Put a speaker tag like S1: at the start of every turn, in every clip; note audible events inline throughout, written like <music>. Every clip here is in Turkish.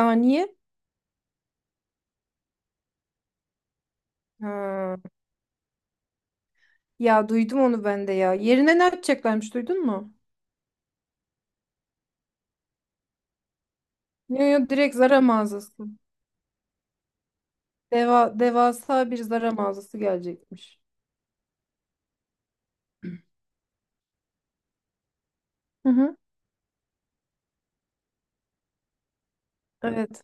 S1: Aa, niye? Ha. Ya duydum onu ben de ya. Yerine ne atacaklarmış, duydun mu? Yo direkt Zara mağazası. Devasa bir Zara mağazası gelecekmiş. Hı hı. Evet.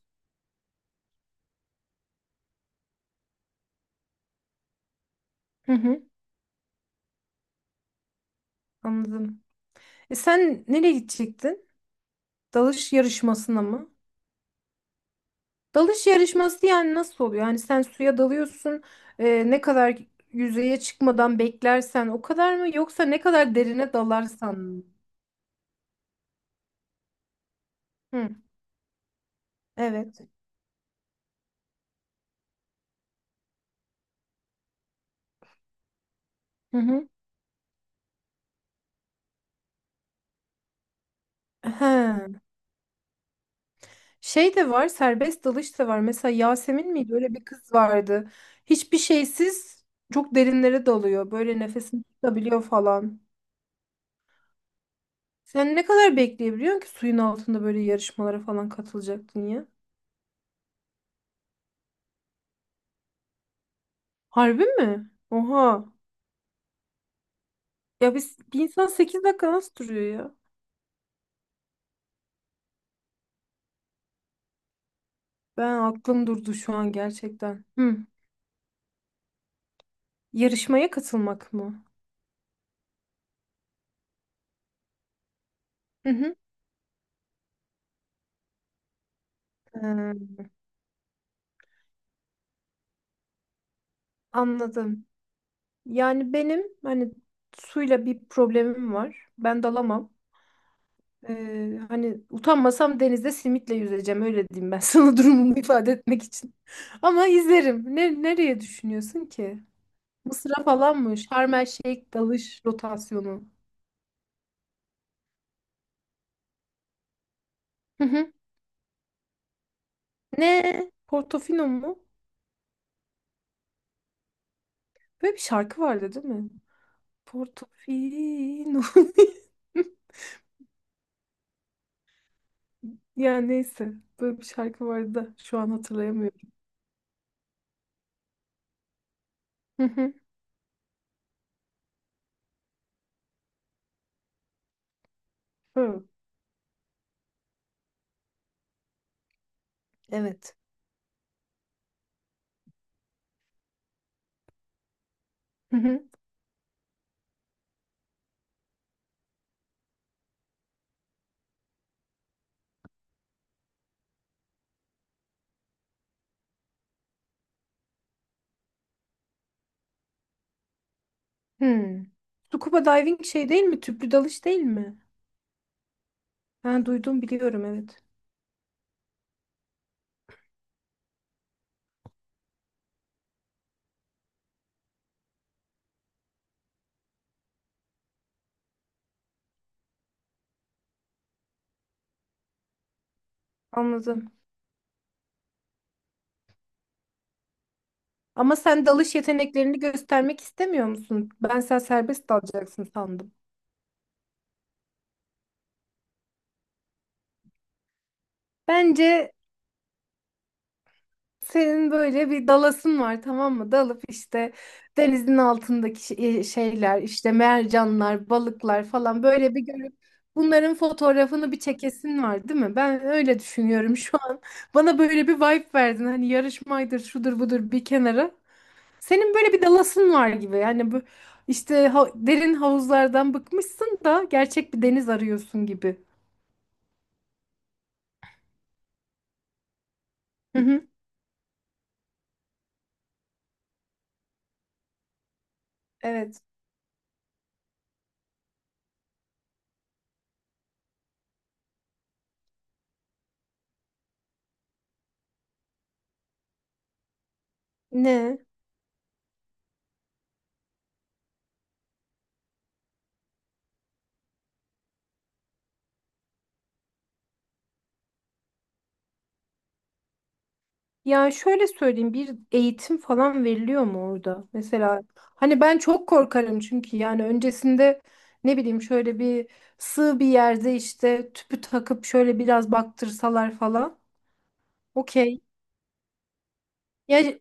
S1: Hı hı. Anladım. E sen nereye gidecektin? Dalış yarışmasına mı? Dalış yarışması yani nasıl oluyor? Yani sen suya dalıyorsun. Ne kadar yüzeye çıkmadan beklersen o kadar mı? Yoksa ne kadar derine dalarsan mı? Hı. Evet. Hı hı. He. Şey de var, serbest dalış da var. Mesela Yasemin miydi? Öyle bir kız vardı. Hiçbir şeysiz çok derinlere dalıyor. Böyle nefesini tutabiliyor falan. Sen ne kadar bekleyebiliyorsun ki suyun altında böyle yarışmalara falan katılacaktın ya? Harbi mi? Oha. Ya biz, bir insan sekiz dakika nasıl duruyor ya? Ben aklım durdu şu an gerçekten. Hı. Yarışmaya katılmak mı? Hı hı. Ee, Anladım. Yani benim hani suyla bir problemim var. Ben dalamam. Hani utanmasam denizde simitle yüzeceğim öyle diyeyim ben <laughs> sana durumumu ifade etmek için. Ama izlerim. Nereye düşünüyorsun ki? Mısır'a falan mı? Şarm El Şeyh dalış rotasyonu. Hı hı. Ne? Portofino mu? Böyle bir şarkı vardı değil mi? Portofino. <laughs> Ya neyse. Böyle bir şarkı vardı da şu an hatırlayamıyorum. Hı hı. Hı. Evet. Hı hı. Hı. Scuba diving şey değil mi? Tüplü dalış değil mi? Ben duydum, biliyorum, evet. Anladım. Ama sen dalış yeteneklerini göstermek istemiyor musun? Ben serbest dalacaksın sandım. Bence senin böyle bir dalasın var, tamam mı? Dalıp işte denizin altındaki şeyler, işte mercanlar, balıklar falan böyle bir görüp bunların fotoğrafını bir çekesin var değil mi? Ben öyle düşünüyorum şu an. Bana böyle bir vibe verdin, hani yarışmaydır şudur budur bir kenara. Senin böyle bir dalasın var gibi yani bu işte derin havuzlardan bıkmışsın da gerçek bir deniz arıyorsun gibi. Hı hı. <laughs> Evet. Ne? Ya şöyle söyleyeyim, bir eğitim falan veriliyor mu orada? Mesela hani ben çok korkarım, çünkü yani öncesinde ne bileyim şöyle bir sığ bir yerde işte tüpü takıp şöyle biraz baktırsalar falan. Okey. Ya he.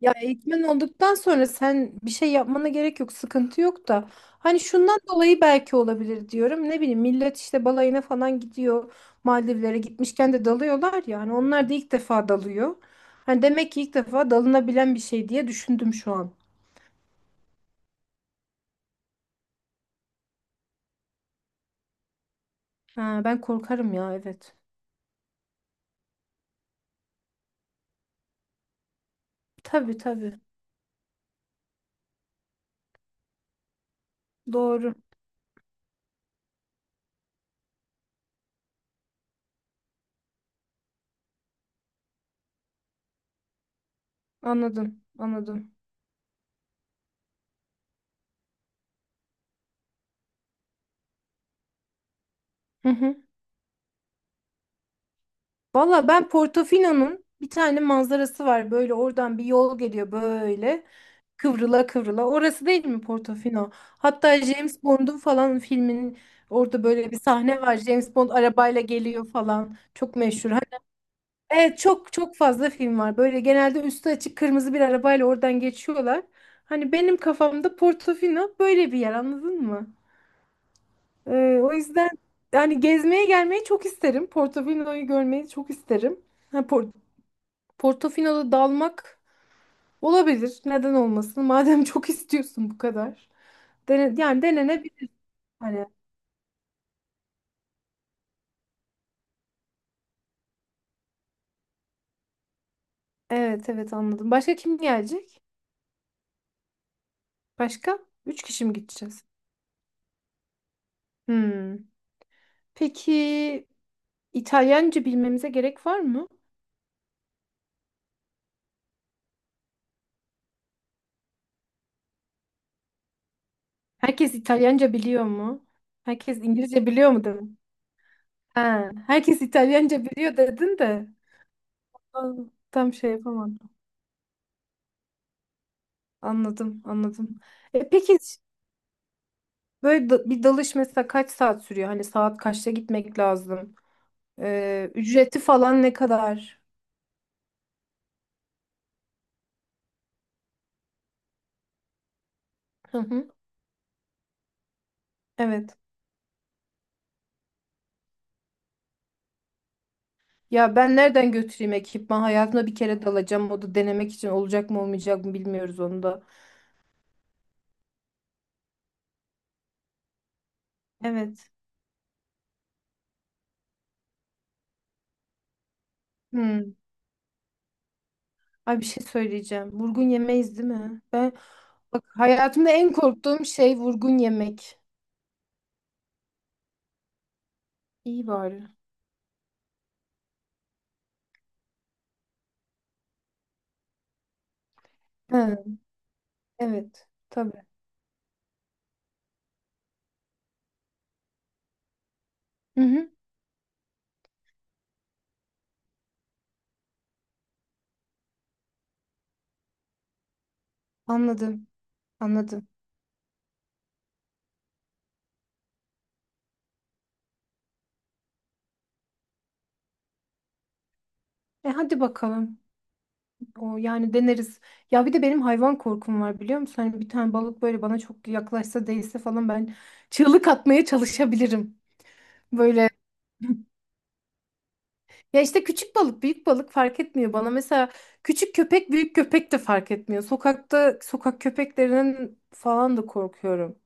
S1: Ya eğitmen olduktan sonra sen bir şey yapmana gerek yok, sıkıntı yok da. Hani şundan dolayı belki olabilir diyorum. Ne bileyim millet işte balayına falan gidiyor. Maldivlere gitmişken de dalıyorlar ya. Hani onlar da ilk defa dalıyor. Hani demek ki ilk defa dalınabilen bir şey diye düşündüm şu an. Ha, ben korkarım ya, evet. Tabii tabii. Doğru. Anladım. Anladım. <laughs> Valla ben Portofino'nun bir tane manzarası var. Böyle oradan bir yol geliyor böyle. Kıvrıla kıvrıla. Orası değil mi Portofino? Hatta James Bond'un falan filminin orada böyle bir sahne var. James Bond arabayla geliyor falan. Çok meşhur. Hani, evet çok çok fazla film var. Böyle genelde üstü açık kırmızı bir arabayla oradan geçiyorlar. Hani benim kafamda Portofino böyle bir yer, anladın mı? Ee, O yüzden yani gezmeye gelmeyi çok isterim. Portofino'yu görmeyi çok isterim. Ha, Por- Portofino'da dalmak olabilir. Neden olmasın? Madem çok <laughs> istiyorsun bu kadar. Dene, yani denenebilir hani. Evet evet anladım. Başka kim gelecek? Başka? Üç kişi mi gideceğiz? Hmm. Peki, İtalyanca bilmemize gerek var mı? Herkes İtalyanca biliyor mu? Herkes İngilizce biliyor mu, dedim. Ha, herkes İtalyanca biliyor dedin de. Aa, tam şey yapamadım. Anladım, anladım. E, peki böyle bir dalış mesela kaç saat sürüyor? Hani saat kaçta gitmek lazım? Ücreti falan ne kadar? Hı hı. Evet. Ya ben nereden götüreyim ekipman? Hayatımda bir kere dalacağım. O da denemek için, olacak mı olmayacak mı bilmiyoruz onu da. Evet. Hmm. Ay bir şey söyleyeceğim. Vurgun yemeyiz değil mi? Ben bak hayatımda en korktuğum şey vurgun yemek. İyi bari. Ha, evet. Tabii. Hı hı. Anladım. Anladım. E hadi bakalım. O yani deneriz. Ya bir de benim hayvan korkum var biliyor musun? Hani bir tane balık böyle bana çok yaklaşsa değse falan ben çığlık atmaya çalışabilirim. Böyle <laughs> ya işte küçük balık büyük balık fark etmiyor bana. Mesela küçük köpek büyük köpek de fark etmiyor. Sokakta sokak köpeklerinden falan da korkuyorum.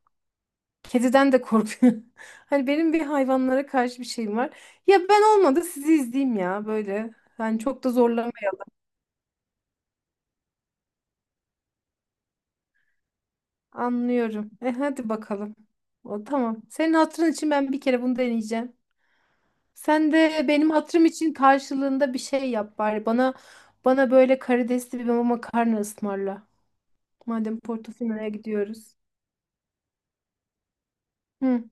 S1: Kediden de korkuyorum. <laughs> Hani benim bir hayvanlara karşı bir şeyim var. Ya ben olmadı sizi izleyeyim ya böyle. Yani çok da zorlamayayım. Anlıyorum. E hadi bakalım. O tamam. Senin hatırın için ben bir kere bunu deneyeceğim. Sen de benim hatırım için karşılığında bir şey yap bari. Bana böyle karidesli bir makarna ısmarla. Madem Portofino'ya gidiyoruz. Hı.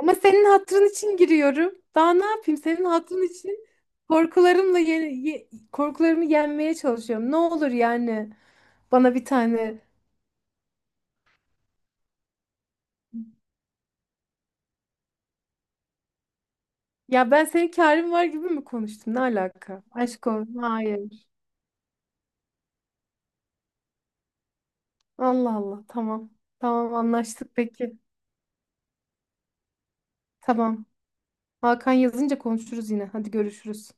S1: Ama senin hatırın için giriyorum. Daha ne yapayım? Senin hatırın için korkularımı yenmeye çalışıyorum. Ne olur yani bana bir tane. Ya ben senin kârin var gibi mi konuştum? Ne alaka? Aşk olsun. Hayır. Allah Allah tamam. Tamam anlaştık peki. Tamam. Hakan yazınca konuşuruz yine. Hadi görüşürüz.